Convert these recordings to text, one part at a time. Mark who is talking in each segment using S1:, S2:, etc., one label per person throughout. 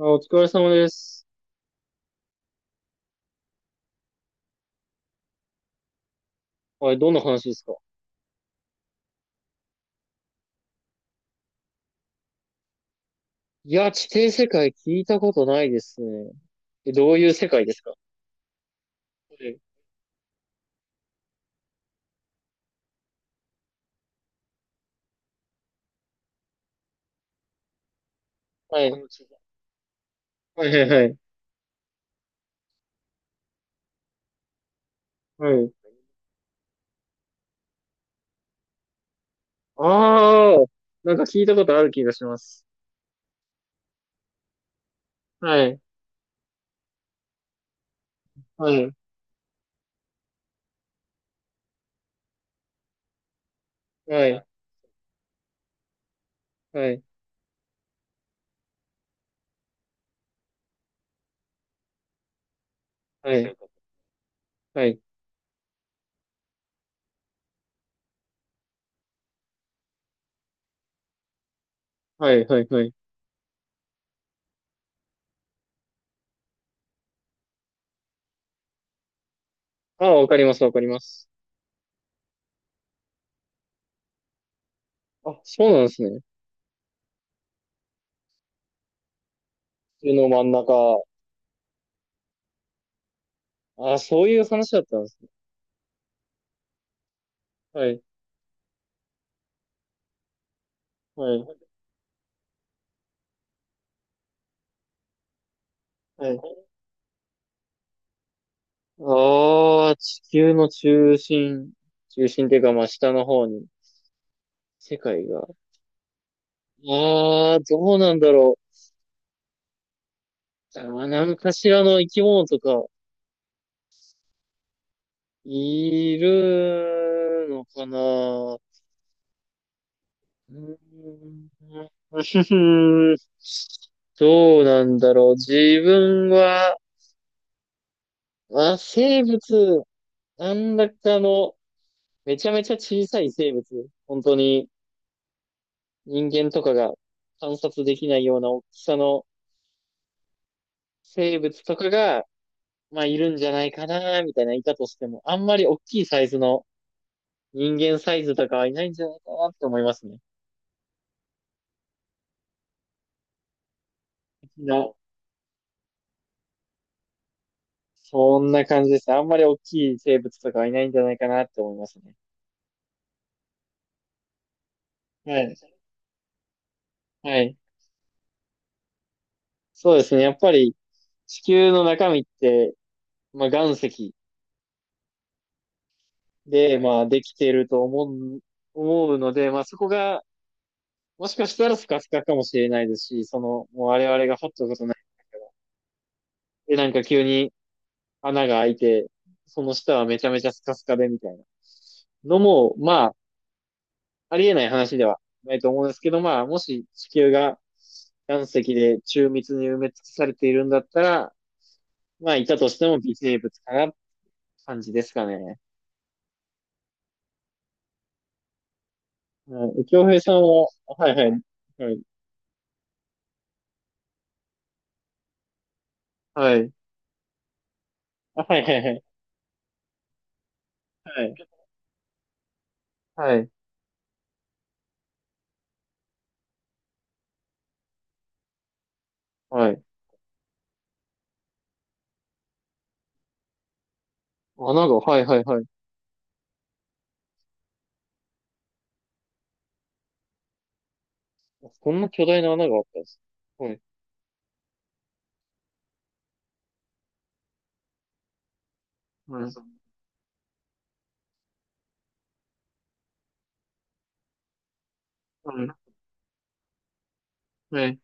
S1: あ、お疲れ様です。はい、どんな話ですか？いや、地底世界聞いたことないですね。え、どういう世界ですか？はい。はい、はい、はい。はい。ああ、なんか聞いたことある気がします。はい、はい、はい、はい、はい、はい、はい、はい、はい。ああ、わかります、わかります。あ、そうなんですね。地球の真ん中。ああ、そういう話だったんですね。はい、はい、はい。ああ、地球の中心、中心っていうか、まあ、下の方に。世界が。ああ、どうなんだろう。何かしらの生き物とか、いるのかな。うーん。どうなんだろう。自分は、まあ、生物、なんだかの、めちゃめちゃ小さい生物。本当に人間とかが観察できないような大きさの生物とかが、まあ、いるんじゃないかな、みたいな、いたとしても、あんまり大きいサイズの人間サイズとかはいないんじゃないかなって思いますね。な、そんな感じですね。あんまり大きい生物とかはいないんじゃないかなって思いますね。はい。はい。そうですね。やっぱり地球の中身って、まあ、岩石で、まあ、できているとう、思うので、まあ、そこが、もしかしたらスカスカかもしれないですし、その、もう我々が掘ったことない。で、なんか急に穴が開いて、その下はめちゃめちゃスカスカでみたいなのも、まあ、ありえない話ではないと思うんですけど、まあ、もし地球が岩石で中密に埋め尽くされているんだったら、まあ、いたとしても微生物かな、感じですかね。はい。京平さんは、はいはい。はい。はい。あはいはいはい。はい。はい。はい。穴が、はいはいはい。こんな巨大な穴があったんです。はい。はい。はい。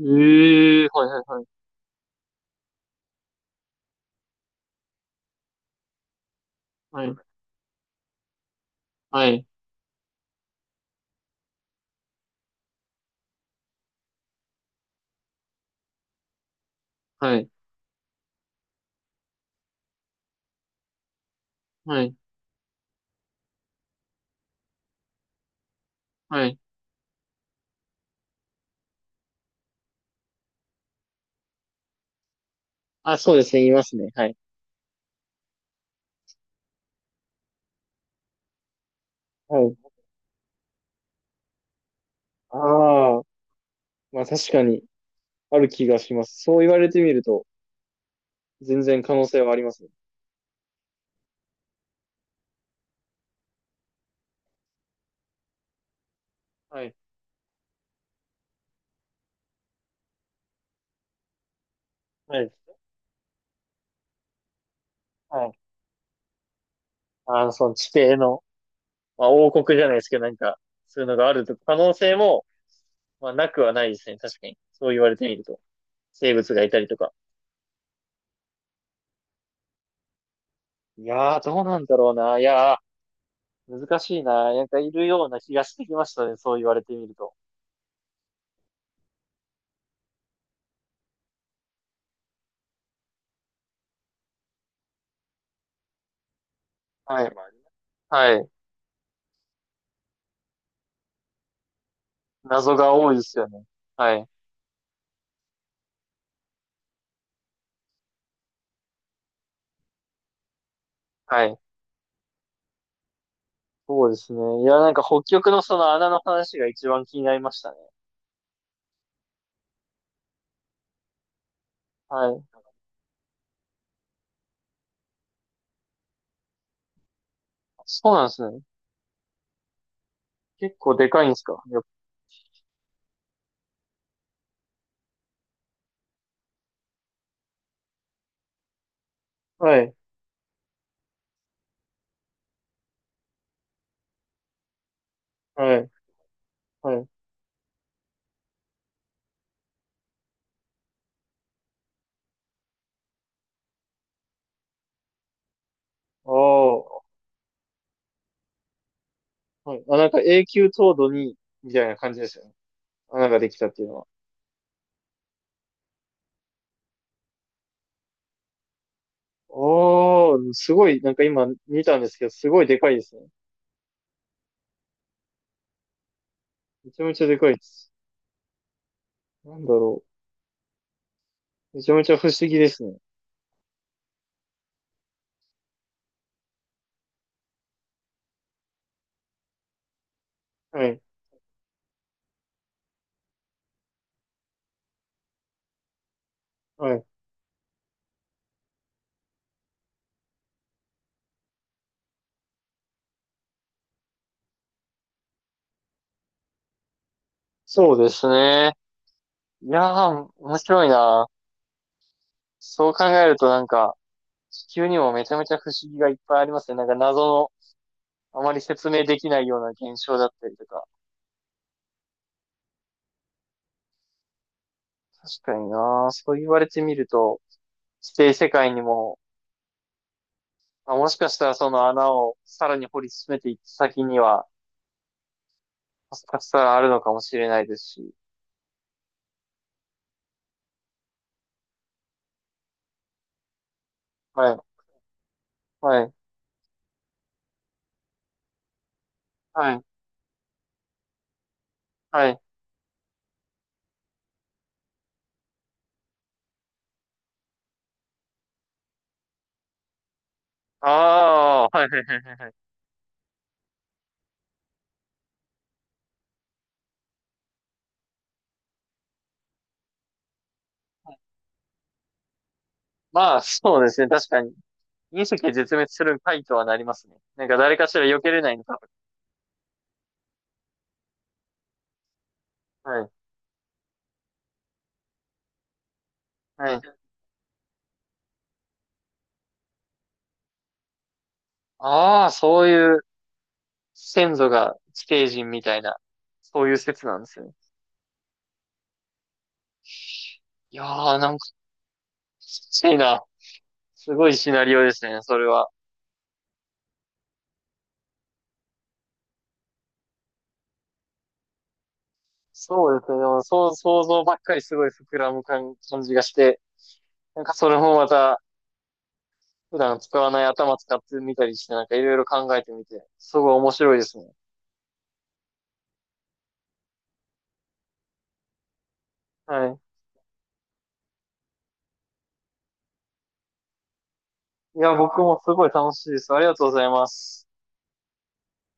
S1: ええー、はいはいはい。はい。はい。はい。はい。はい。あ、そうですね。いますね。はい。はい。ああ、まあ確かに。ある気がします。そう言われてみると、全然可能性はありますね。はい。はい。はい。あの、その地底の、まあ、王国じゃないですけど、なんか、そういうのがあると、可能性も、まあ、なくはないですね。確かに。そう言われてみると。生物がいたりとか。いやー、どうなんだろうな。いやー、難しいな。なんかいるような気がしてきましたね。そう言われてみると。はい。はい。謎が多いですよね。はい。はい。そうですね。いや、なんか北極のその穴の話が一番気になりましたね。はい。そうなんですね。結構でかいんですかよ？はい、はい、はい。ああ、はい。あ、なんか永久凍土に、みたいな感じですよね。穴ができたっていうのは。ああ、すごい、なんか今見たんですけど、すごいでかいですね。めちゃめちゃでかいです。なんだろう。めちゃめちゃ不思議ですね。はい、はい。そうですね。いやー、面白いな。そう考えるとなんか、地球にもめちゃめちゃ不思議がいっぱいありますね。なんか謎の、あまり説明できないような現象だったりとか。確かにな。そう言われてみると、地底世界にも、まあ、もしかしたらその穴をさらに掘り進めていった先には、もしかしたらあるのかもしれないですし。はい、はい、はい、はい。ああ、はい、はい、はい、はい。はい。まあ、そうですね。確かに。隕石で絶滅する回とはなりますね。なんか誰かしら避けれないのか。はい、はい。ああ、そういう先祖が地底人みたいな、そういう説なんですね。いやー、なんか、きついな。すごいシナリオですね、それは。そうですね、でも、そう、想像ばっかりすごい膨らむ感じがして、なんかそれもまた、普段使わない頭使ってみたりして、なんかいろいろ考えてみて、すごい面白いですね。はい。いや、僕もすごい楽しいです。ありがとうございます。